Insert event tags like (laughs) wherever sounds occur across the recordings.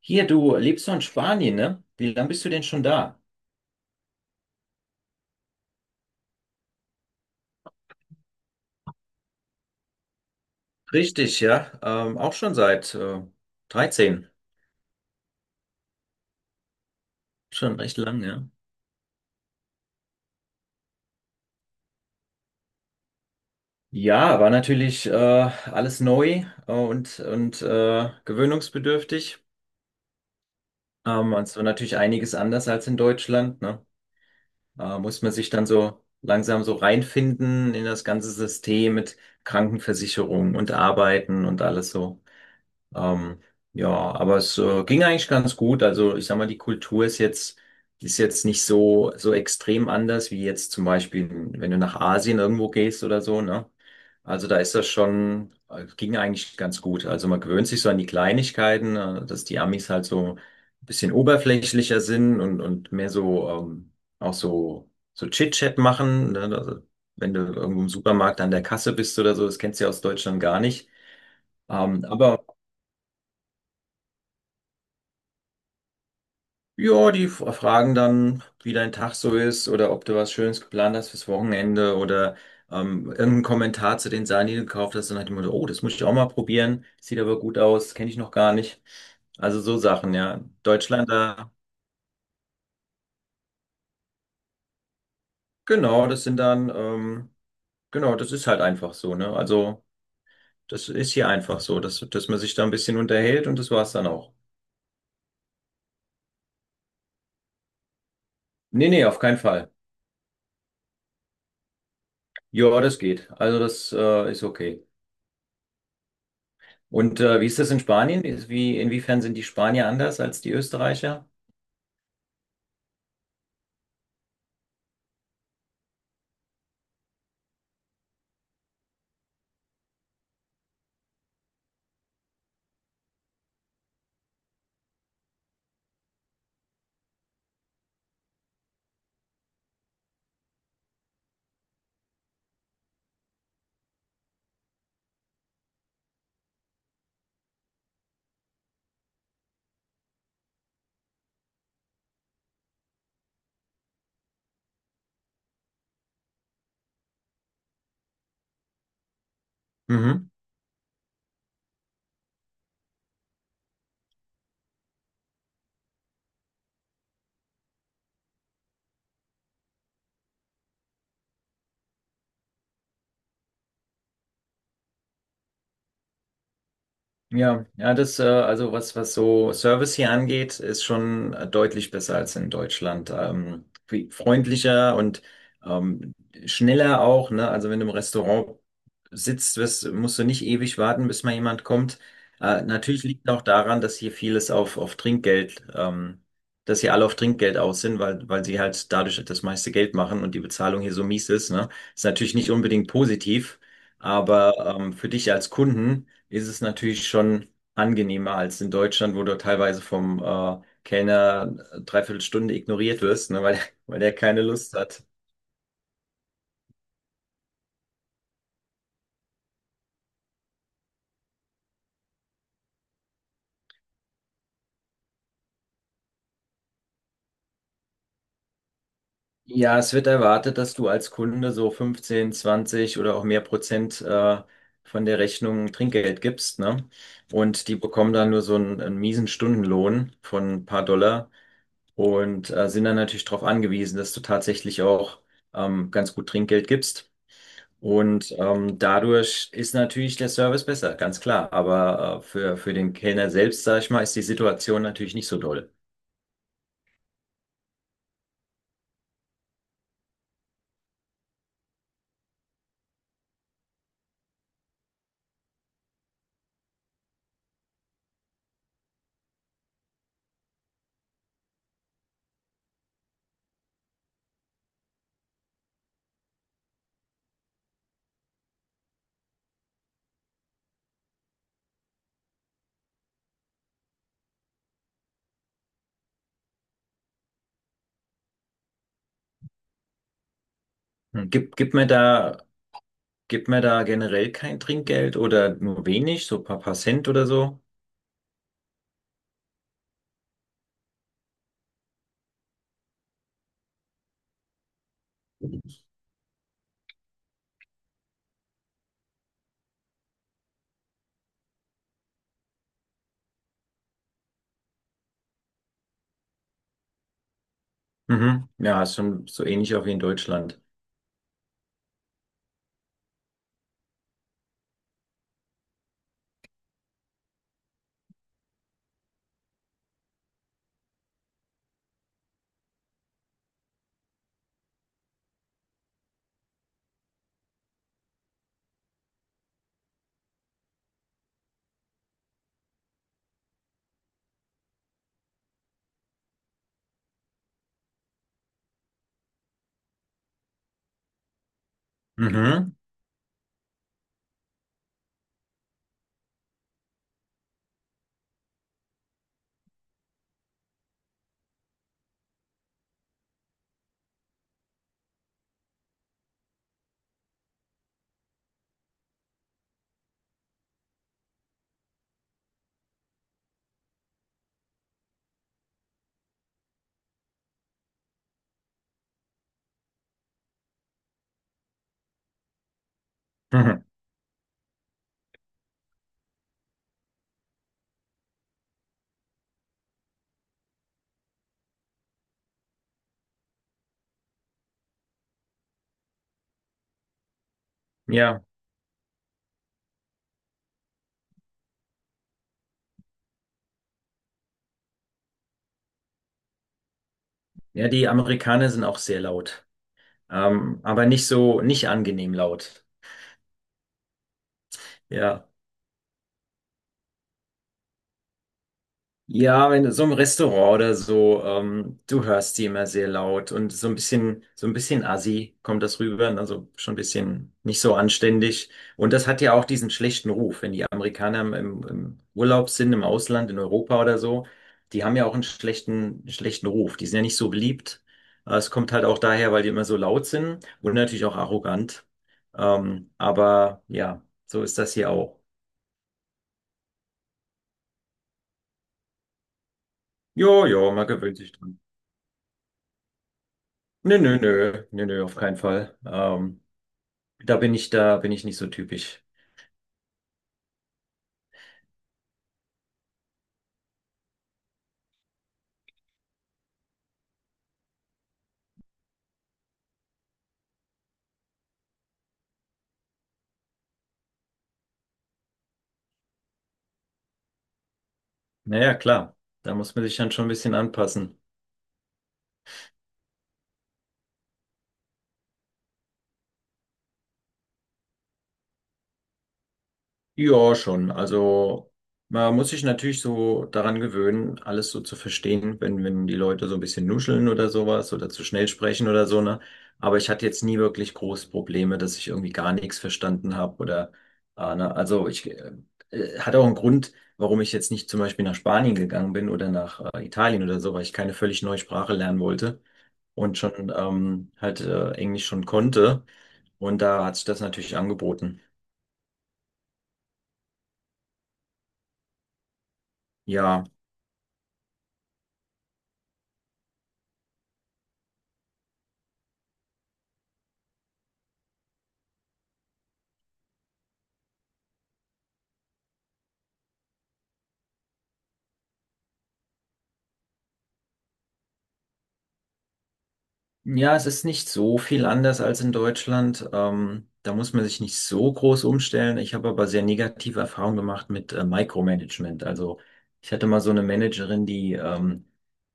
Hier, du lebst doch in Spanien, ne? Wie lange bist du denn schon da? Richtig, ja. Auch schon seit 13. Schon recht lang, ja. Ja, war natürlich alles neu und gewöhnungsbedürftig. Und es war natürlich einiges anders als in Deutschland, ne? Muss man sich dann so langsam so reinfinden in das ganze System mit Krankenversicherung und Arbeiten und alles so. Ähm, ja, aber es ging eigentlich ganz gut. Also ich sag mal, die Kultur ist jetzt nicht so, so extrem anders wie jetzt zum Beispiel, wenn du nach Asien irgendwo gehst oder so, ne? Also da ist das schon, ging eigentlich ganz gut. Also man gewöhnt sich so an die Kleinigkeiten, dass die Amis halt so ein bisschen oberflächlicher sind und mehr so auch so, so Chit-Chat machen. Ne? Also, wenn du irgendwo im Supermarkt an der Kasse bist oder so, das kennst du ja aus Deutschland gar nicht. Aber ja, die fragen dann, wie dein Tag so ist oder ob du was Schönes geplant hast fürs Wochenende oder irgendeinen Kommentar zu den Sachen, die du gekauft hast. Dann hat jemand, oh, das muss ich auch mal probieren. Sieht aber gut aus, kenne ich noch gar nicht. Also so Sachen, ja. Deutschland da, genau, das sind dann, genau, das ist halt einfach so, ne? Also das ist hier einfach so, dass, dass man sich da ein bisschen unterhält und das war's dann auch. Nee, nee, auf keinen Fall. Ja, das geht. Also das ist okay. Und wie ist das in Spanien? Ist- Wie, inwiefern sind die Spanier anders als die Österreicher? Mhm. Ja, ja, das, also was, was so Service hier angeht, ist schon deutlich besser als in Deutschland. Viel freundlicher und ähm, schneller auch, ne? Also wenn du im Restaurant sitzt, musst du nicht ewig warten, bis mal jemand kommt. Natürlich liegt auch daran, dass hier vieles auf Trinkgeld, dass hier alle auf Trinkgeld aus sind, weil sie halt dadurch das meiste Geld machen und die Bezahlung hier so mies ist, ne? Ist natürlich nicht unbedingt positiv, aber für dich als Kunden ist es natürlich schon angenehmer als in Deutschland, wo du teilweise vom Kellner dreiviertel Stunde ignoriert wirst, ne, weil, (laughs) weil der keine Lust hat. Ja, es wird erwartet, dass du als Kunde so 15, 20 oder auch mehr Prozent von der Rechnung Trinkgeld gibst, ne? Und die bekommen dann nur so einen miesen Stundenlohn von ein paar Dollar und sind dann natürlich darauf angewiesen, dass du tatsächlich auch ganz gut Trinkgeld gibst. Und dadurch ist natürlich der Service besser, ganz klar. Aber für den Kellner selbst, sag ich mal, ist die Situation natürlich nicht so doll. Hm. Gibt mir da generell kein Trinkgeld oder nur wenig, so ein paar Cent oder so? Mhm. Ja, ist schon so ähnlich auch wie in Deutschland. Mhm. Mhm. Ja. Ja, die Amerikaner sind auch sehr laut. Aber nicht so, nicht angenehm laut. (laughs) Ja. Ja, wenn du so im Restaurant oder so, du hörst die immer sehr laut und so ein bisschen assi kommt das rüber, ne, also schon ein bisschen nicht so anständig. Und das hat ja auch diesen schlechten Ruf, wenn die Amerikaner im im Urlaub sind, im Ausland, in Europa oder so, die haben ja auch einen schlechten Ruf. Die sind ja nicht so beliebt. Es kommt halt auch daher, weil die immer so laut sind und natürlich auch arrogant. Aber ja, so ist das hier auch. Jo, jo, man gewöhnt sich dran. Nö, nö, nö, nö, nö, auf keinen Fall. Da bin ich nicht so typisch. Naja, klar, da muss man sich dann schon ein bisschen anpassen. Ja, schon. Also man muss sich natürlich so daran gewöhnen, alles so zu verstehen, wenn die Leute so ein bisschen nuscheln oder sowas oder zu schnell sprechen oder so, ne? Aber ich hatte jetzt nie wirklich große Probleme, dass ich irgendwie gar nichts verstanden habe ne? Also ich hat auch einen Grund, warum ich jetzt nicht zum Beispiel nach Spanien gegangen bin oder nach Italien oder so, weil ich keine völlig neue Sprache lernen wollte und schon halt Englisch schon konnte. Und da hat sich das natürlich angeboten. Ja, ja, es ist nicht so viel anders als in Deutschland. Da muss man sich nicht so groß umstellen. Ich habe aber sehr negative Erfahrungen gemacht mit Micromanagement. Also ich hatte mal so eine Managerin,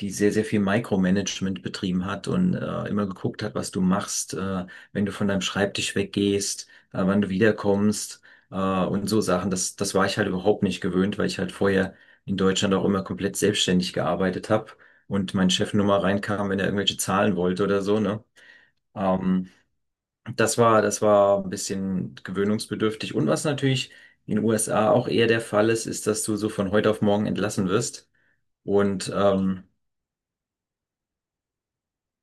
die sehr, sehr viel Micromanagement betrieben hat und immer geguckt hat, was du machst, wenn du von deinem Schreibtisch weggehst, wann du wiederkommst äh, und so Sachen. Das war ich halt überhaupt nicht gewöhnt, weil ich halt vorher in Deutschland auch immer komplett selbstständig gearbeitet habe und mein Chef nur mal reinkam, wenn er irgendwelche Zahlen wollte oder so, ne? Ähm, das war ein bisschen gewöhnungsbedürftig. Und was natürlich in den USA auch eher der Fall ist, ist, dass du so von heute auf morgen entlassen wirst. Und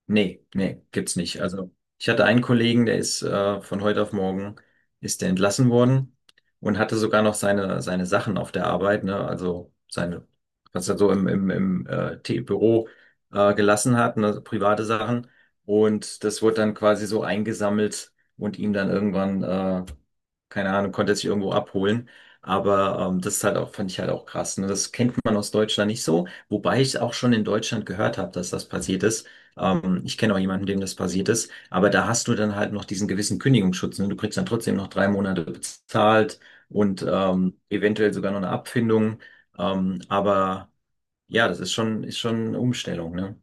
nee, nee, gibt's nicht. Also ich hatte einen Kollegen, der ist von heute auf morgen ist der entlassen worden und hatte sogar noch seine Sachen auf der Arbeit, ne? Also seine, was er so im Büro gelassen hat, ne? Private Sachen. Und das wurde dann quasi so eingesammelt und ihm dann irgendwann, keine Ahnung, konnte er sich irgendwo abholen. Aber das ist halt auch, fand ich halt auch krass. Ne? Das kennt man aus Deutschland nicht so, wobei ich auch schon in Deutschland gehört habe, dass das passiert ist. Ich kenne auch jemanden, dem das passiert ist, aber da hast du dann halt noch diesen gewissen Kündigungsschutz. Ne? Du kriegst dann trotzdem noch drei Monate bezahlt und eventuell sogar noch eine Abfindung. Aber ja, das ist schon eine Umstellung, ne?